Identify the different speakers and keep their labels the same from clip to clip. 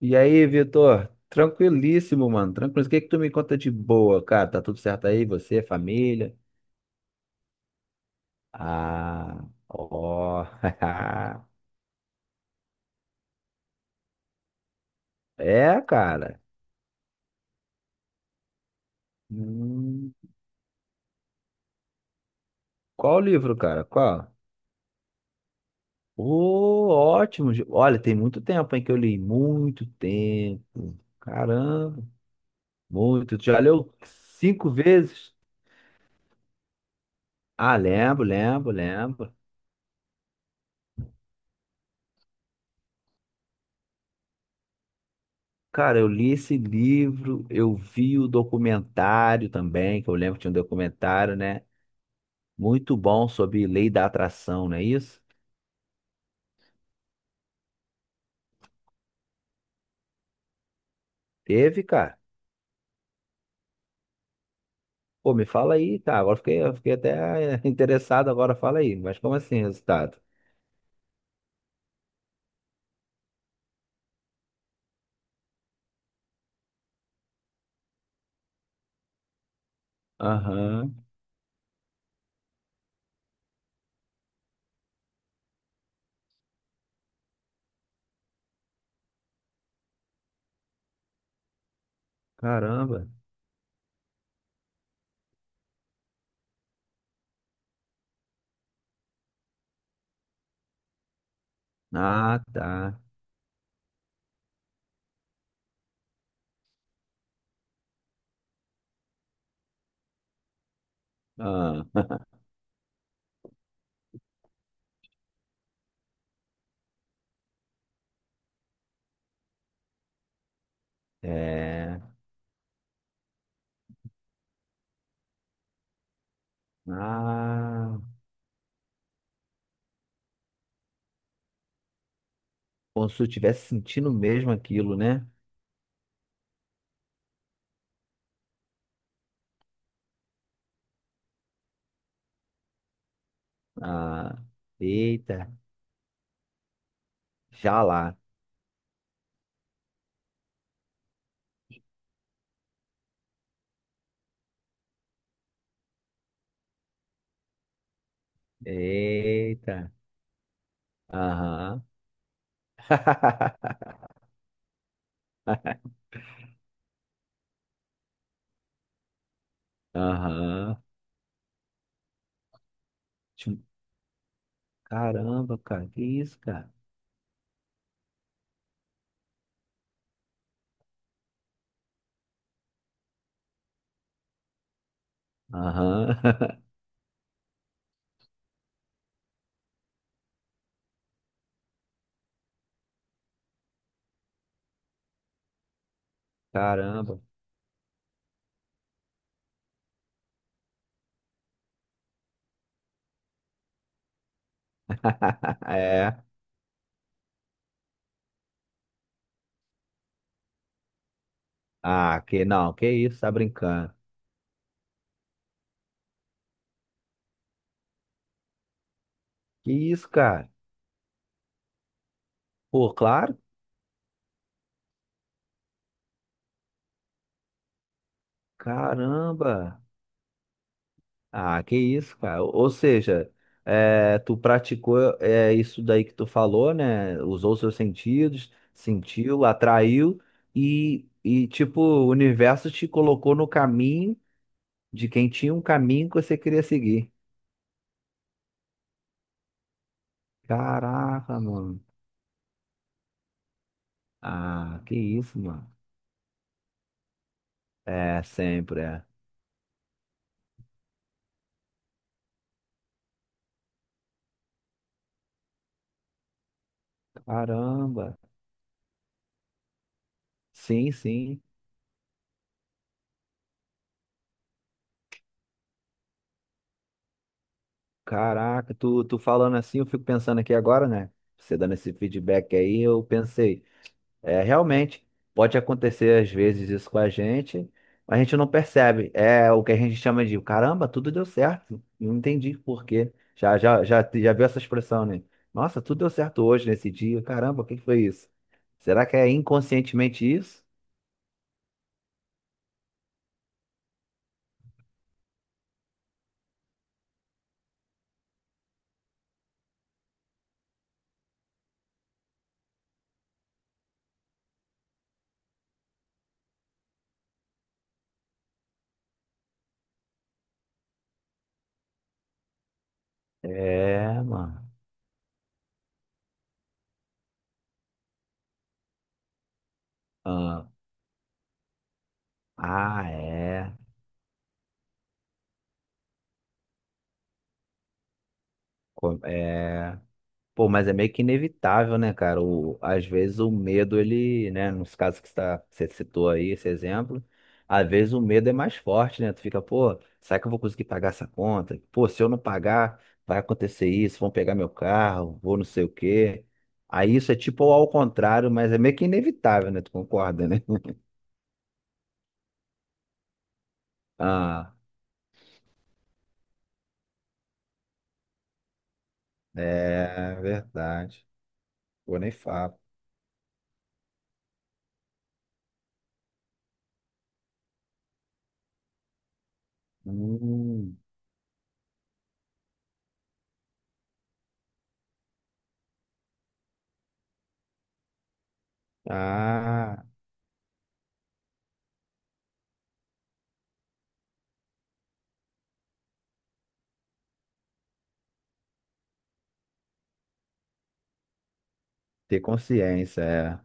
Speaker 1: E aí, Vitor? Tranquilíssimo, mano. Tranquilo. O que que tu me conta de boa, cara? Tá tudo certo aí? Você, família? Ah, ó. É, cara. Hum, Qual o livro, cara? Qual? Ô, ótimo. Olha, tem muito tempo, hein, que eu li. Muito tempo. Caramba, muito. Tu já leu cinco vezes? Ah, lembro, lembro, lembro. Cara, eu li esse livro, eu vi o documentário também, que eu lembro que tinha um documentário, né? Muito bom sobre lei da atração, não é isso? Teve, cara. Pô, me fala aí, cara. Agora eu fiquei até interessado, agora fala aí. Mas como assim, resultado? Aham, caramba. Ah, tá. Ah, é. Ah, como se eu estivesse sentindo mesmo aquilo, né? Ah, eita, já lá. Eita. Aham. Aham. Tinha um- Caramba, cara. Que isso, cara? Aham. Caramba. É. Ah, que não. Que isso, tá brincando? Que isso, cara? Pô, claro. Caramba. Ah, que isso, cara. Ou seja, é, tu praticou é, isso daí que tu falou, né? Usou seus sentidos, sentiu, atraiu e tipo, o universo te colocou no caminho de quem tinha um caminho que você queria seguir. Caraca, mano. Ah, que isso, mano. É, sempre é. Caramba. Sim, sim. Caraca, tu falando assim, eu fico pensando aqui agora, né? Você dando esse feedback aí, eu pensei, é, realmente, pode acontecer às vezes isso com a gente, mas a gente não percebe. É o que a gente chama de, caramba, tudo deu certo. Não entendi por quê. Já viu essa expressão, né? Nossa, tudo deu certo hoje, nesse dia. Caramba, o que que foi isso? Será que é inconscientemente isso? É, mano. Ah, ah, é. Co- É. Pô, mas é meio que inevitável, né, cara? O, às vezes o medo, ele, né, nos casos que você, tá- que você citou aí, esse exemplo, às vezes o medo é mais forte, né? Tu fica, pô, será que eu vou conseguir pagar essa conta? Pô, se eu não pagar, vai acontecer isso, vão pegar meu carro, vou não sei o quê. Aí isso é tipo ao contrário, mas é meio que inevitável, né? Tu concorda, né? Ah, é verdade. Pô, nem falo. Hum. Ah, ter consciência, é.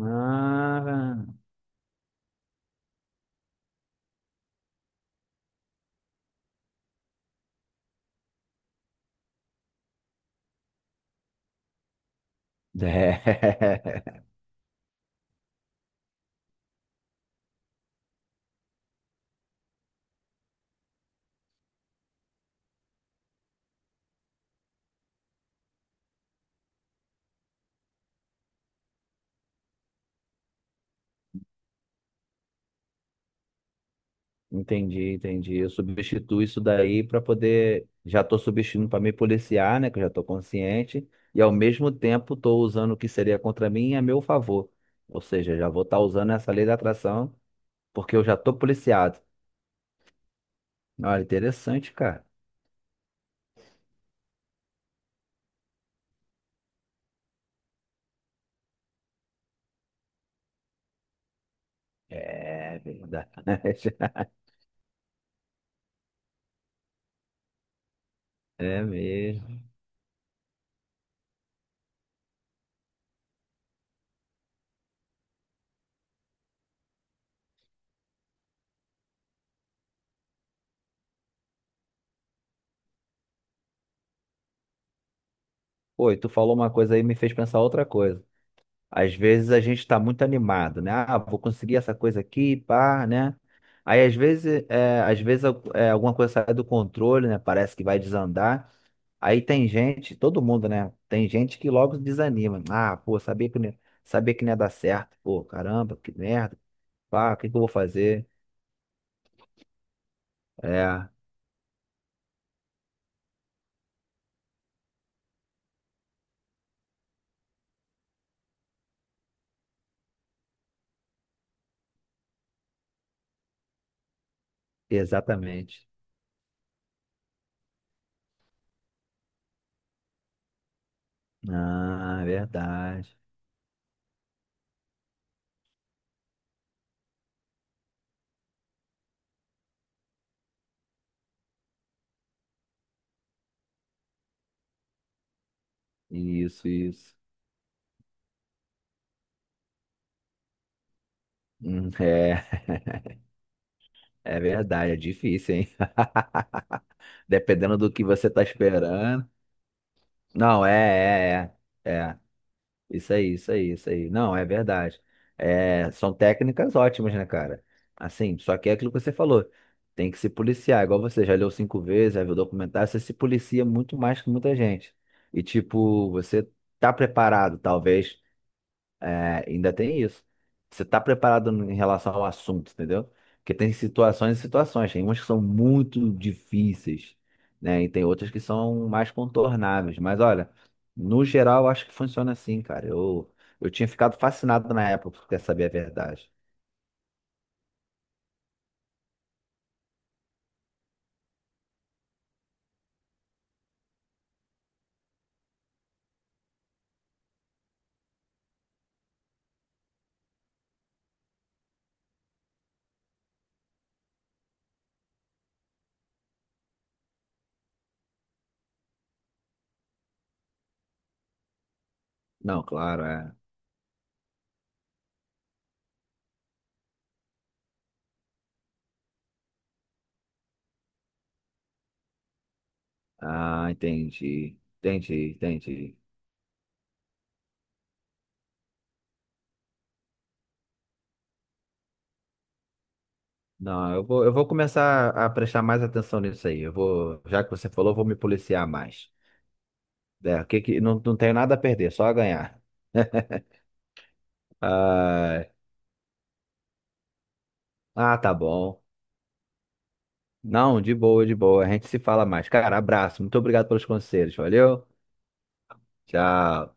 Speaker 1: Ah, é. Entendi, entendi. Eu substituo isso daí para poder. Já estou substituindo para me policiar, né? Que eu já estou consciente. E ao mesmo tempo estou usando o que seria contra mim a meu favor. Ou seja, já vou estar usando essa lei da atração porque eu já estou policiado. Olha, interessante, cara. É verdade. É mesmo. Pô, e tu falou uma coisa aí e me fez pensar outra coisa. Às vezes a gente está muito animado, né? Ah, vou conseguir essa coisa aqui, pá, né? Aí às vezes alguma coisa sai do controle, né? Parece que vai desandar. Aí tem gente, todo mundo, né? Tem gente que logo desanima. Ah, pô, sabia que, não ia- sabia que não ia dar certo. Pô, caramba, que merda. Pá, o que que eu vou fazer? É, exatamente. Ah, é verdade. Isso, isso. Hum, é, é verdade, é difícil, hein? Dependendo do que você tá esperando. Não, é, é, é, é. Isso aí, isso aí, isso aí. Não, é verdade. É, são técnicas ótimas, né, cara? Assim, só que é aquilo que você falou. Tem que se policiar. Igual você já leu cinco vezes, já viu documentário, você se policia muito mais que muita gente. E, tipo, você tá preparado, talvez. É, ainda tem isso. Você tá preparado em relação ao assunto, entendeu? Porque tem situações e situações. Tem umas que são muito difíceis, né? E tem outras que são mais contornáveis. Mas olha, no geral, eu acho que funciona assim, cara. Eu tinha ficado fascinado na época, porque quer saber a verdade. Não, claro, é. Ah, entendi. Entendi, entendi. Não, eu vou começar a prestar mais atenção nisso aí. Eu vou, já que você falou, eu vou me policiar mais. É, o que que, não, não tenho nada a perder, só a ganhar. ah Ah, tá bom. Não, de boa, de boa. A gente se fala mais. Cara, abraço. Muito obrigado pelos conselhos. Valeu? Tchau.